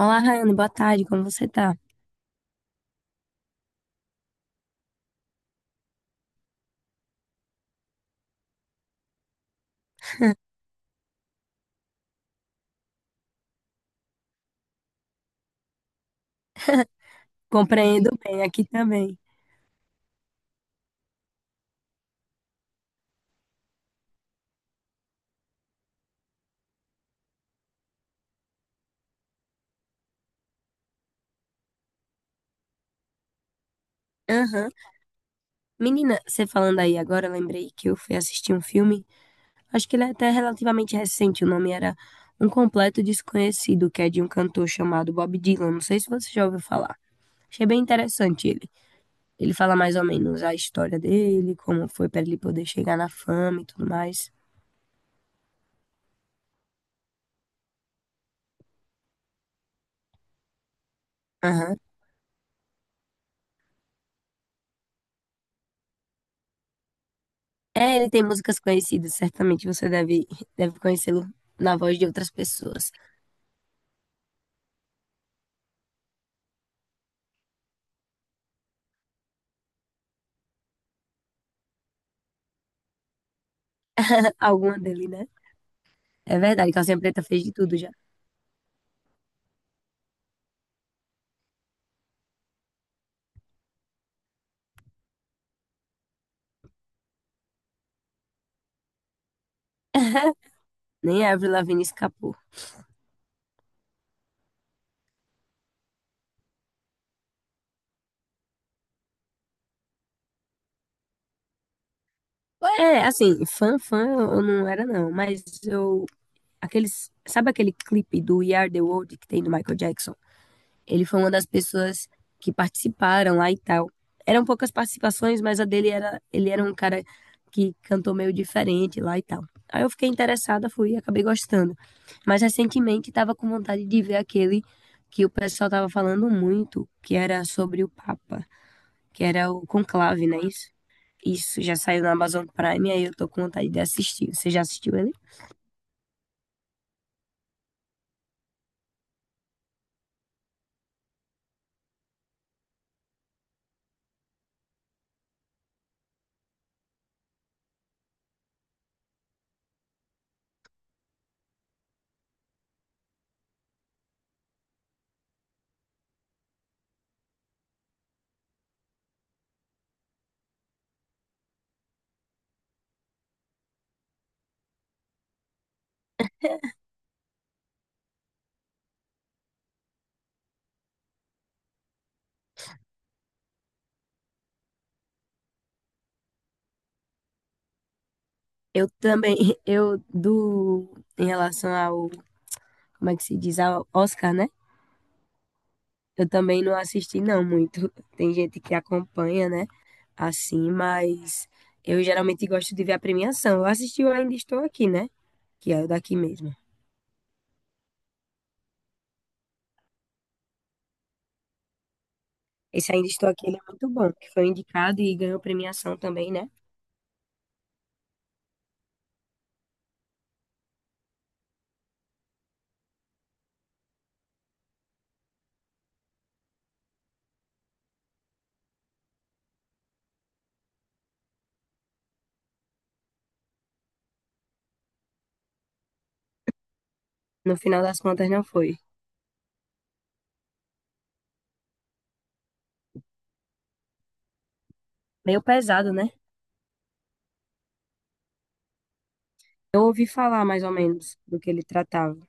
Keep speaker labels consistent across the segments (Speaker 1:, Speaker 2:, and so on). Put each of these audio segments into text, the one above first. Speaker 1: Olá, Rayane, boa tarde, como você tá? Compreendo bem, aqui também. Aham. Menina, você falando aí agora, eu lembrei que eu fui assistir um filme, acho que ele é até relativamente recente, o nome era Um Completo Desconhecido, que é de um cantor chamado Bob Dylan, não sei se você já ouviu falar. Achei bem interessante ele. Ele fala mais ou menos a história dele, como foi para ele poder chegar na fama e tudo mais. Aham. É, ele tem músicas conhecidas, certamente você deve conhecê-lo na voz de outras pessoas. Alguma dele, né? É verdade, Calcinha Preta fez de tudo já. Nem a Avril Lavigne escapou. É, assim, fã eu não era não, mas eu... Aqueles, sabe aquele clipe do We Are The World que tem do Michael Jackson? Ele foi uma das pessoas que participaram lá e tal. Eram poucas participações, mas a dele era... Ele era um cara que cantou meio diferente lá e tal. Aí eu fiquei interessada, fui e acabei gostando. Mas recentemente tava com vontade de ver aquele que o pessoal tava falando muito, que era sobre o Papa, que era o Conclave, né? Isso? Isso, já saiu na Amazon Prime, aí eu tô com vontade de assistir. Você já assistiu ele? Eu também, em relação ao, como é que se diz, ao Oscar, né? Eu também não assisti não muito. Tem gente que acompanha, né? Assim, mas eu geralmente gosto de ver a premiação. Eu assisti o Ainda Estou Aqui, né? Que é o daqui mesmo. Esse Ainda Estou Aqui, ele é muito bom, que foi indicado e ganhou premiação também, né? No final das contas não foi. Meio pesado, né? Eu ouvi falar mais ou menos do que ele tratava.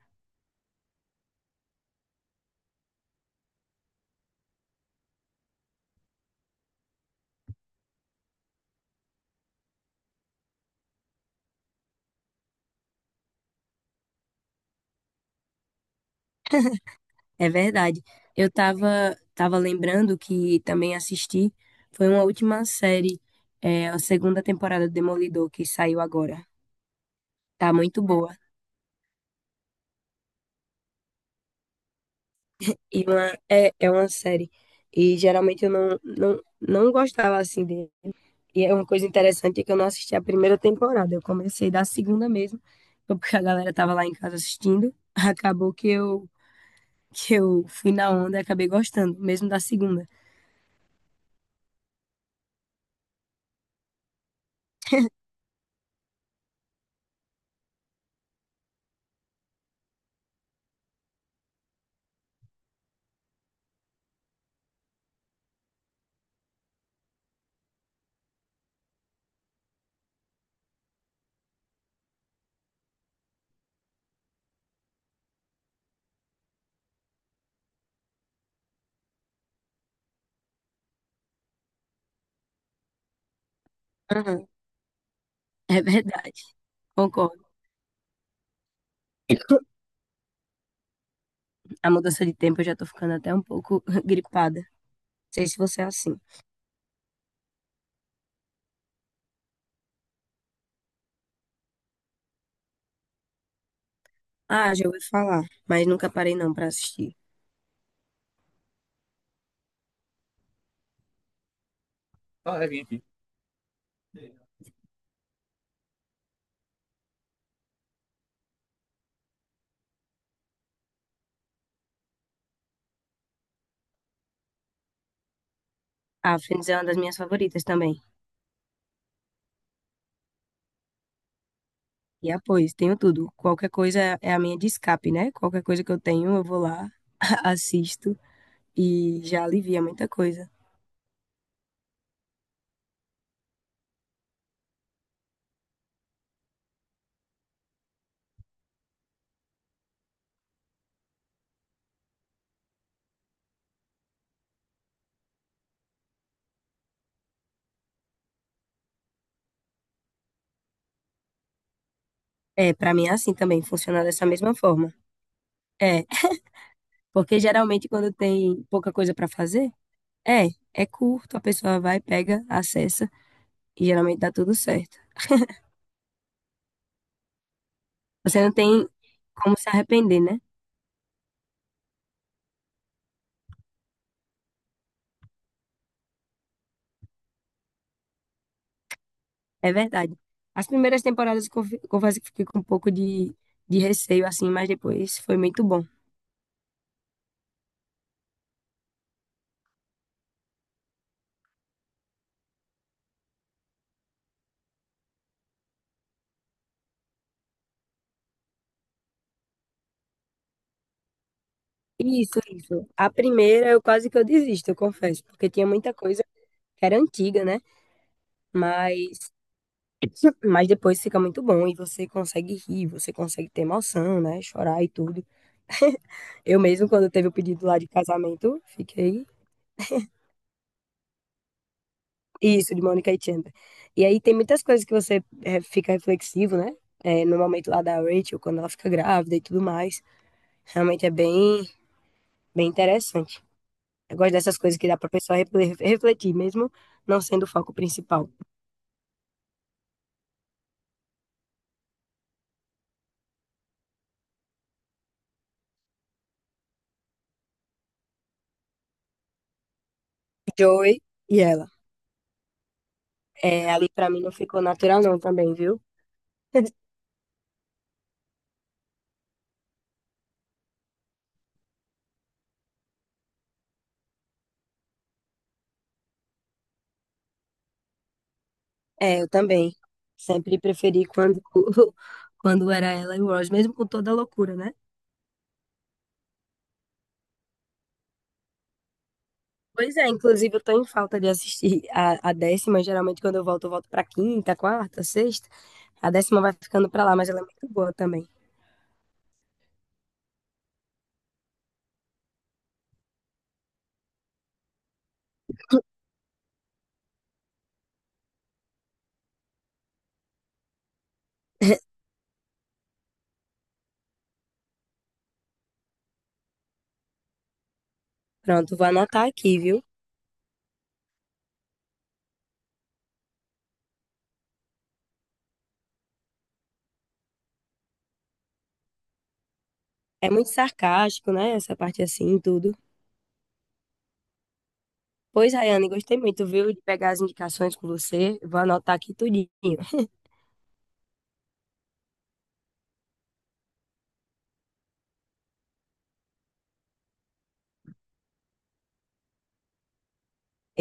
Speaker 1: É verdade. Eu tava lembrando que também assisti. Foi uma última série, a segunda temporada do Demolidor que saiu agora. Tá muito boa. E uma, é uma série. E geralmente eu não gostava assim dele. E é uma coisa interessante é que eu não assisti a primeira temporada. Eu comecei da segunda mesmo, porque a galera tava lá em casa assistindo. Acabou que eu fui na onda e acabei gostando, mesmo da segunda. Aham. É verdade, concordo. A mudança de tempo eu já tô ficando até um pouco gripada. Não sei se você é assim. Ah, já ouvi falar, mas nunca parei não pra assistir. Ah, é, vim aqui. Ah, Friends é uma das minhas favoritas também. E apoio, tenho tudo. Qualquer coisa é a minha de escape, né? Qualquer coisa que eu tenho, eu vou lá, assisto e já alivia muita coisa. É, pra mim é assim também, funciona dessa mesma forma. É, porque geralmente quando tem pouca coisa pra fazer, é, é curto, a pessoa vai, pega, acessa. E geralmente dá tudo certo. Você não tem como se arrepender, né? É verdade. As primeiras temporadas, eu confesso que fiquei com um pouco de receio, assim, mas depois foi muito bom. Isso, isso. A primeira eu quase que eu desisto, eu confesso, porque tinha muita coisa que era antiga, né? Mas, mas depois fica muito bom e você consegue rir, você consegue ter emoção, né? Chorar e tudo. Eu mesmo, quando teve o pedido lá de casamento, fiquei. Isso, de Mônica e Chandler. E aí tem muitas coisas que você fica reflexivo, né? É, no momento lá da Rachel, quando ela fica grávida e tudo mais. Realmente é bem interessante. Eu gosto dessas coisas que dá pra pessoa refletir, mesmo não sendo o foco principal. Joey e ela. É, ali pra mim não ficou natural não também, viu? É, eu também. Sempre preferi quando, quando era ela e o Ross, mesmo com toda a loucura, né? Pois é, inclusive eu tô em falta de assistir a décima. Geralmente quando eu volto pra quinta, quarta, sexta. A décima vai ficando pra lá, mas ela é muito boa também. Pronto, vou anotar aqui, viu? É muito sarcástico, né? Essa parte assim, tudo. Pois, Rayane, gostei muito, viu, de pegar as indicações com você. Vou anotar aqui tudinho.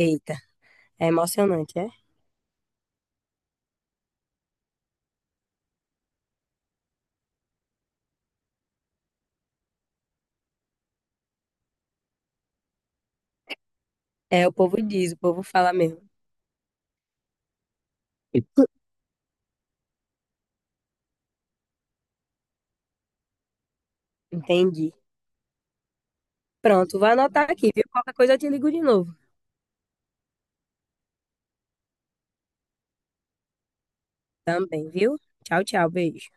Speaker 1: Eita, é emocionante, é? É, o povo diz, o povo fala mesmo. Entendi. Pronto, vou anotar aqui, viu? Qualquer coisa eu te ligo de novo. Também, viu? Tchau, tchau, beijo.